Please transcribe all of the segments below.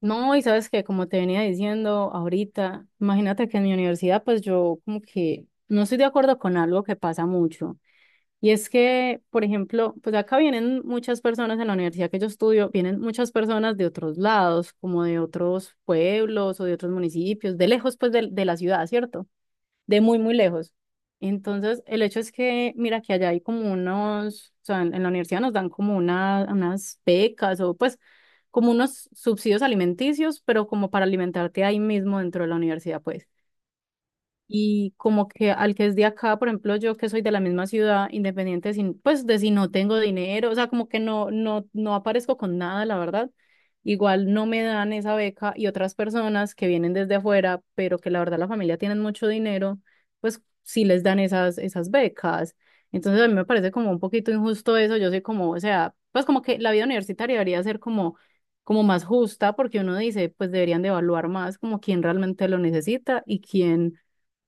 No, y sabes que como te venía diciendo ahorita, imagínate que en mi universidad pues yo como que no estoy de acuerdo con algo que pasa mucho. Y es que, por ejemplo, pues acá vienen muchas personas en la universidad que yo estudio, vienen muchas personas de otros lados, como de otros pueblos o de otros municipios, de lejos pues de la ciudad, ¿cierto? De muy, muy lejos. Entonces, el hecho es que, mira, que allá hay como unos, o sea, en la universidad nos dan como una, unas becas o pues como unos subsidios alimenticios, pero como para alimentarte ahí mismo dentro de la universidad, pues. Y como que al que es de acá, por ejemplo, yo que soy de la misma ciudad, independiente sin, pues de si no tengo dinero, o sea, como que no aparezco con nada, la verdad. Igual no me dan esa beca y otras personas que vienen desde afuera, pero que la verdad la familia tienen mucho dinero, pues sí les dan esas becas. Entonces a mí me parece como un poquito injusto eso. Yo soy como, o sea, pues como que la vida universitaria debería ser como como más justa, porque uno dice, pues deberían de evaluar más como quién realmente lo necesita y quién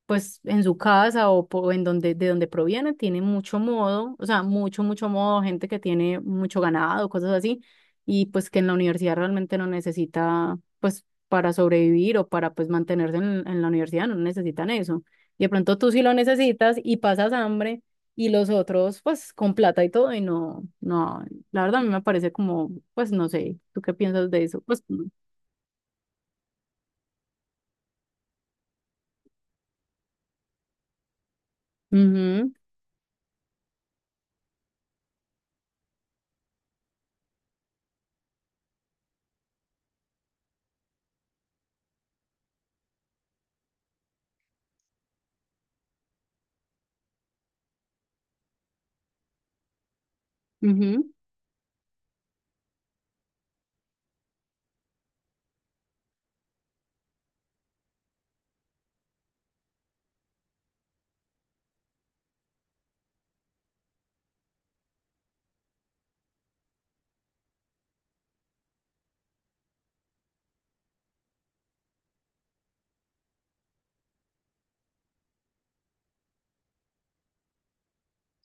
pues en su casa o, en donde, de donde proviene, tiene mucho modo, o sea, mucho, mucho modo, gente que tiene mucho ganado, cosas así, y pues que en la universidad realmente no necesita, pues para sobrevivir o para pues mantenerse en la universidad, no necesitan eso. Y de pronto tú sí lo necesitas y pasas hambre, y los otros pues con plata y todo y no, no, la verdad a mí me parece como, pues no sé, ¿tú qué piensas de eso? Pues, ujú, ujú,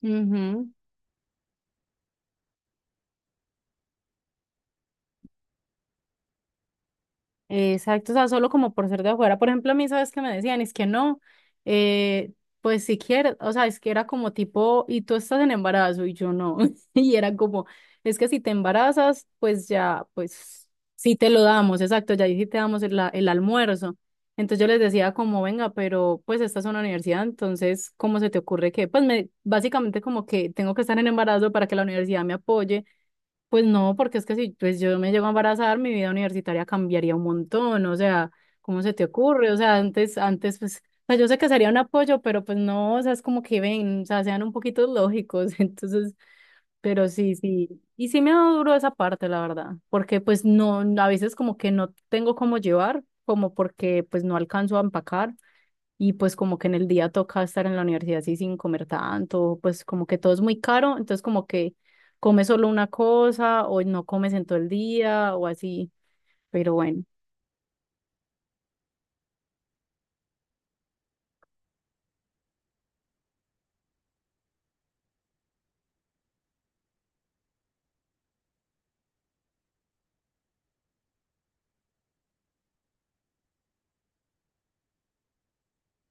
ujú, exacto, o sea, solo como por ser de afuera. Por ejemplo, a mí, ¿sabes qué me decían? Es que no, eh, pues si quieres, o sea, es que era como tipo, y tú estás en embarazo y yo no. Y era como, es que si te embarazas, pues ya, pues sí te lo damos, exacto, ya ahí sí te damos el, el almuerzo. Entonces yo les decía como, venga, pero pues esta es una universidad, entonces, ¿cómo se te ocurre que? Pues me, básicamente como que tengo que estar en embarazo para que la universidad me apoye, pues no, porque es que si pues yo me llego a embarazar, mi vida universitaria cambiaría un montón, o sea, ¿cómo se te ocurre? O sea, antes, antes, pues, o sea, yo sé que sería un apoyo, pero pues no, o sea, es como que ven, o sea, sean un poquito lógicos, entonces, pero sí, sí, y sí me ha dado duro esa parte, la verdad, porque pues no, a veces como que no tengo cómo llevar, como porque pues no alcanzo a empacar, y pues como que en el día toca estar en la universidad así sin comer tanto, pues como que todo es muy caro, entonces como que comes solo una cosa o no comes en todo el día o así, pero bueno.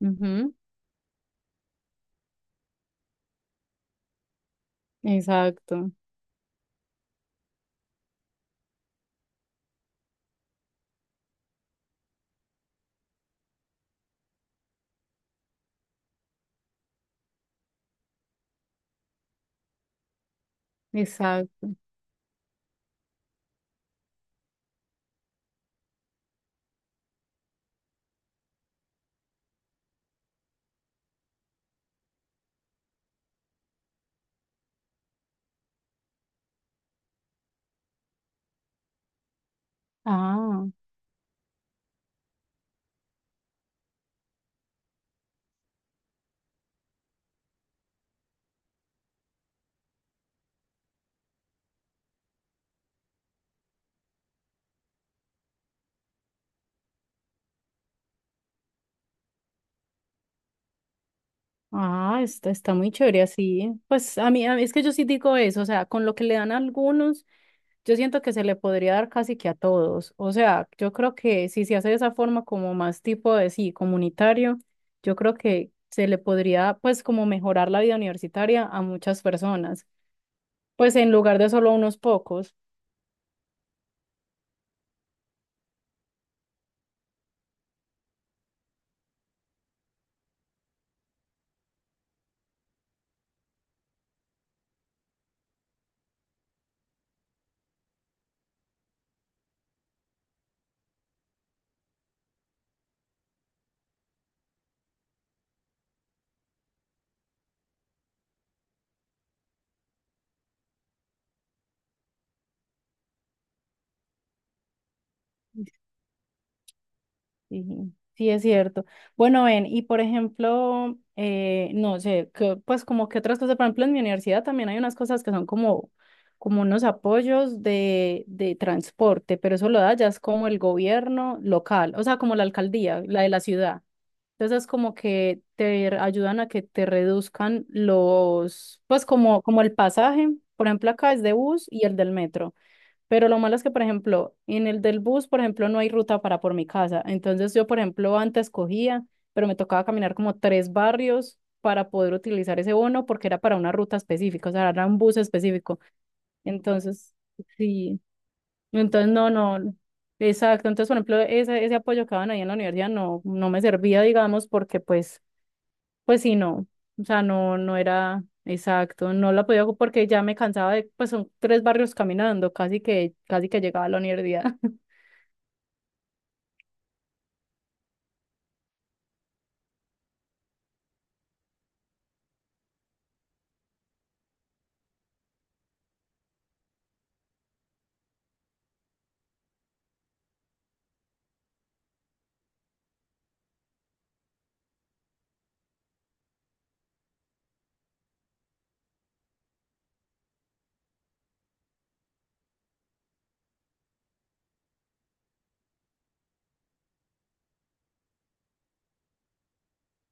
Ujú, exacto, exacto. Ah, ah, está, está muy chévere así. Pues a mí es que yo sí digo eso, o sea, con lo que le dan a algunos. Yo siento que se le podría dar casi que a todos. O sea, yo creo que si se hace de esa forma como más tipo de sí, comunitario, yo creo que se le podría pues como mejorar la vida universitaria a muchas personas, pues en lugar de solo a unos pocos. Sí, sí, es cierto. Bueno, ven, y por ejemplo, no sé, que, pues como que otras cosas, por ejemplo, en mi universidad también hay unas cosas que son como, como unos apoyos de transporte, pero eso lo da ya es como el gobierno local, o sea, como la alcaldía, la de la ciudad. Entonces es como que te ayudan a que te reduzcan los, pues como, como el pasaje, por ejemplo, acá es de bus y el del metro. Pero lo malo es que, por ejemplo, en el del bus, por ejemplo, no hay ruta para por mi casa. Entonces yo, por ejemplo, antes cogía, pero me tocaba caminar como tres barrios para poder utilizar ese bono porque era para una ruta específica, o sea, era un bus específico. Entonces, sí, entonces no, no, exacto. Entonces, por ejemplo, ese apoyo que daban ahí en la universidad no, no me servía, digamos, porque pues pues sí, no, o sea, no, no era exacto, no la podía porque ya me cansaba de, pues son tres barrios caminando, casi que llegaba a la universidad.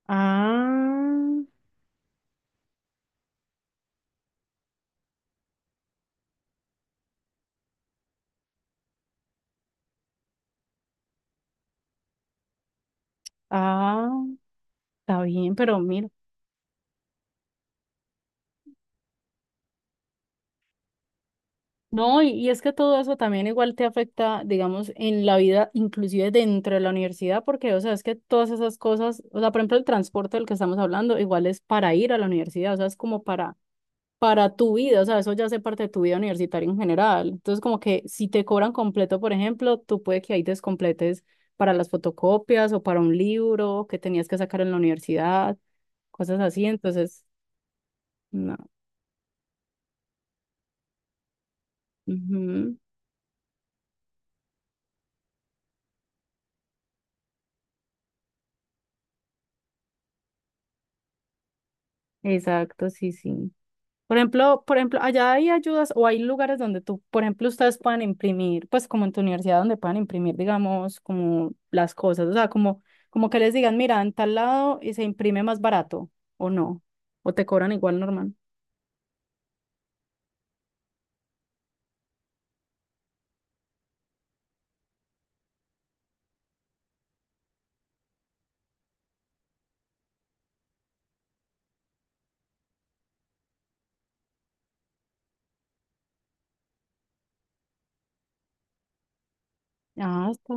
Ah, ah, está bien, pero mira, no, y es que todo eso también igual te afecta, digamos, en la vida, inclusive dentro de la universidad, porque, o sea, es que todas esas cosas, o sea, por ejemplo, el transporte del que estamos hablando, igual es para ir a la universidad, o sea, es como para tu vida, o sea, eso ya hace parte de tu vida universitaria en general. Entonces, como que si te cobran completo, por ejemplo, tú puede que ahí descompletes para las fotocopias o para un libro que tenías que sacar en la universidad, cosas así. Entonces, no. Ujú. Exacto, sí, sí. Por ejemplo, allá hay ayudas o hay lugares donde tú, por ejemplo, ustedes puedan imprimir, pues como en tu universidad donde puedan imprimir, digamos, como las cosas, o sea, como, como que les digan, mira, en tal lado y se imprime más barato, o no, o te cobran igual normal. Ah, está.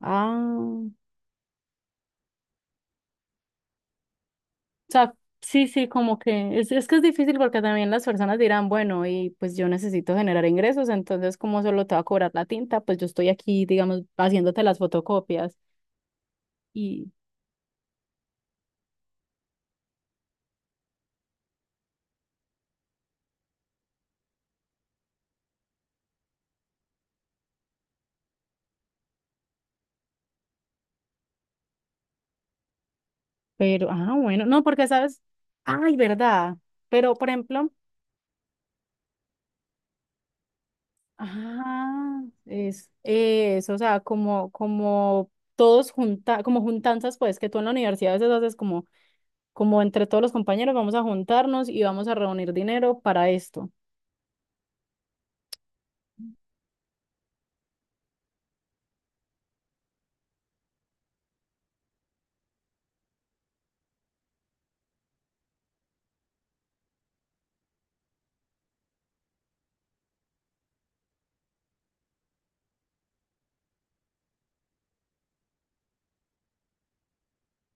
Ah, o sea, sí, sí, como que es que es difícil porque también las personas dirán, bueno, y pues yo necesito generar ingresos, entonces como solo te va a cobrar la tinta, pues yo estoy aquí, digamos, haciéndote las fotocopias. Pero, ah, bueno, no, porque sabes, ay, verdad, pero por ejemplo, ah, es eso, o sea, como, como todos junta, como juntanzas, pues, que tú en la universidad a veces haces como, como entre todos los compañeros vamos a juntarnos y vamos a reunir dinero para esto.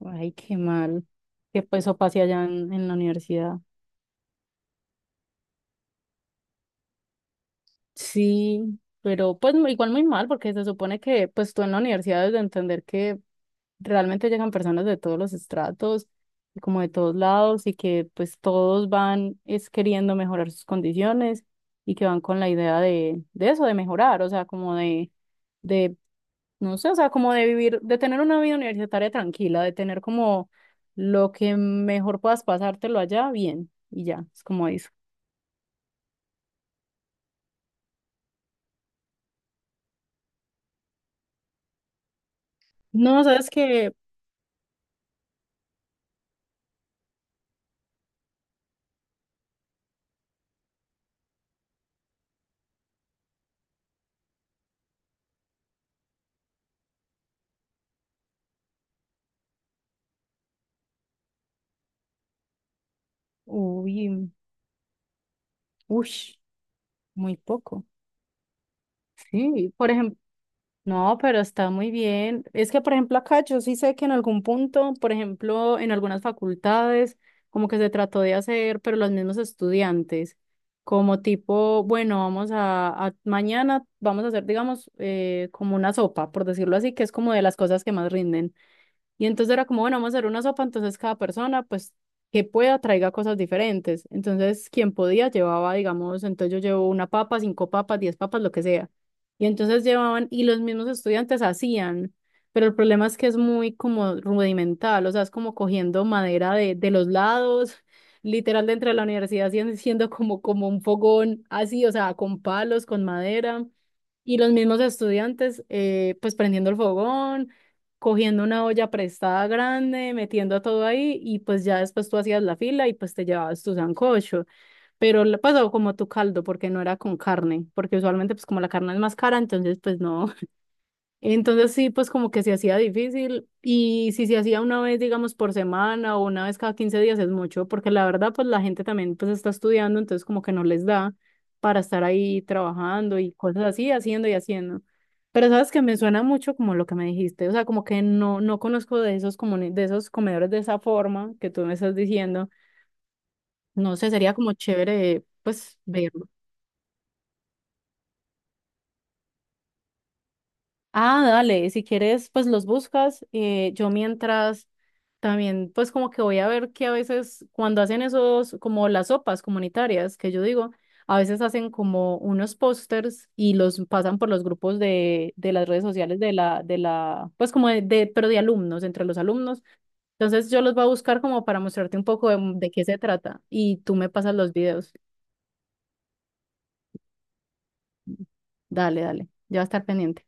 Ay, qué mal, que pues eso pase allá en la universidad. Sí, pero pues igual muy mal, porque se supone que pues tú en la universidad debes de entender que realmente llegan personas de todos los estratos y como de todos lados y que pues todos van es queriendo mejorar sus condiciones y que van con la idea de eso, de mejorar, o sea, como de, no sé, o sea, como de vivir, de tener una vida universitaria tranquila, de tener como lo que mejor puedas pasártelo allá, bien, y ya, es como eso. No, sabes que, uy, ush, muy poco. Sí, por ejemplo, no, pero está muy bien. Es que, por ejemplo, acá yo sí sé que en algún punto, por ejemplo, en algunas facultades, como que se trató de hacer, pero los mismos estudiantes, como tipo, bueno, vamos a, mañana vamos a hacer, digamos, como una sopa, por decirlo así, que es como de las cosas que más rinden. Y entonces era como, bueno, vamos a hacer una sopa, entonces cada persona, pues, que pueda, traiga cosas diferentes. Entonces, quien podía llevaba, digamos, entonces yo llevo una papa, cinco papas, diez papas, lo que sea. Y entonces llevaban, y los mismos estudiantes hacían, pero el problema es que es muy como rudimental, o sea, es como cogiendo madera de los lados, literal dentro de la universidad, haciendo siendo como, como un fogón así, o sea, con palos, con madera. Y los mismos estudiantes, pues prendiendo el fogón, cogiendo una olla prestada grande, metiendo todo ahí y pues ya después tú hacías la fila y pues te llevabas tu sancocho, pero le pasó como tu caldo porque no era con carne, porque usualmente pues como la carne es más cara, entonces pues no, entonces sí, pues como que se hacía difícil y si se hacía una vez, digamos, por semana o una vez cada 15 días es mucho, porque la verdad, pues la gente también pues está estudiando, entonces como que no les da para estar ahí trabajando y cosas así, haciendo y haciendo. Pero sabes que me suena mucho como lo que me dijiste, o sea, como que no, no conozco de esos, de esos comedores de esa forma que tú me estás diciendo. No sé, sería como chévere, pues, ver. Ah, dale, si quieres, pues los buscas. Yo mientras también, pues como que voy a ver que a veces cuando hacen esos, como las sopas comunitarias, que yo digo, a veces hacen como unos pósters y los pasan por los grupos de las redes sociales de la, pues como de, pero de alumnos, entre los alumnos. Entonces yo los voy a buscar como para mostrarte un poco de qué se trata y tú me pasas los videos. Dale, dale, ya va a estar pendiente.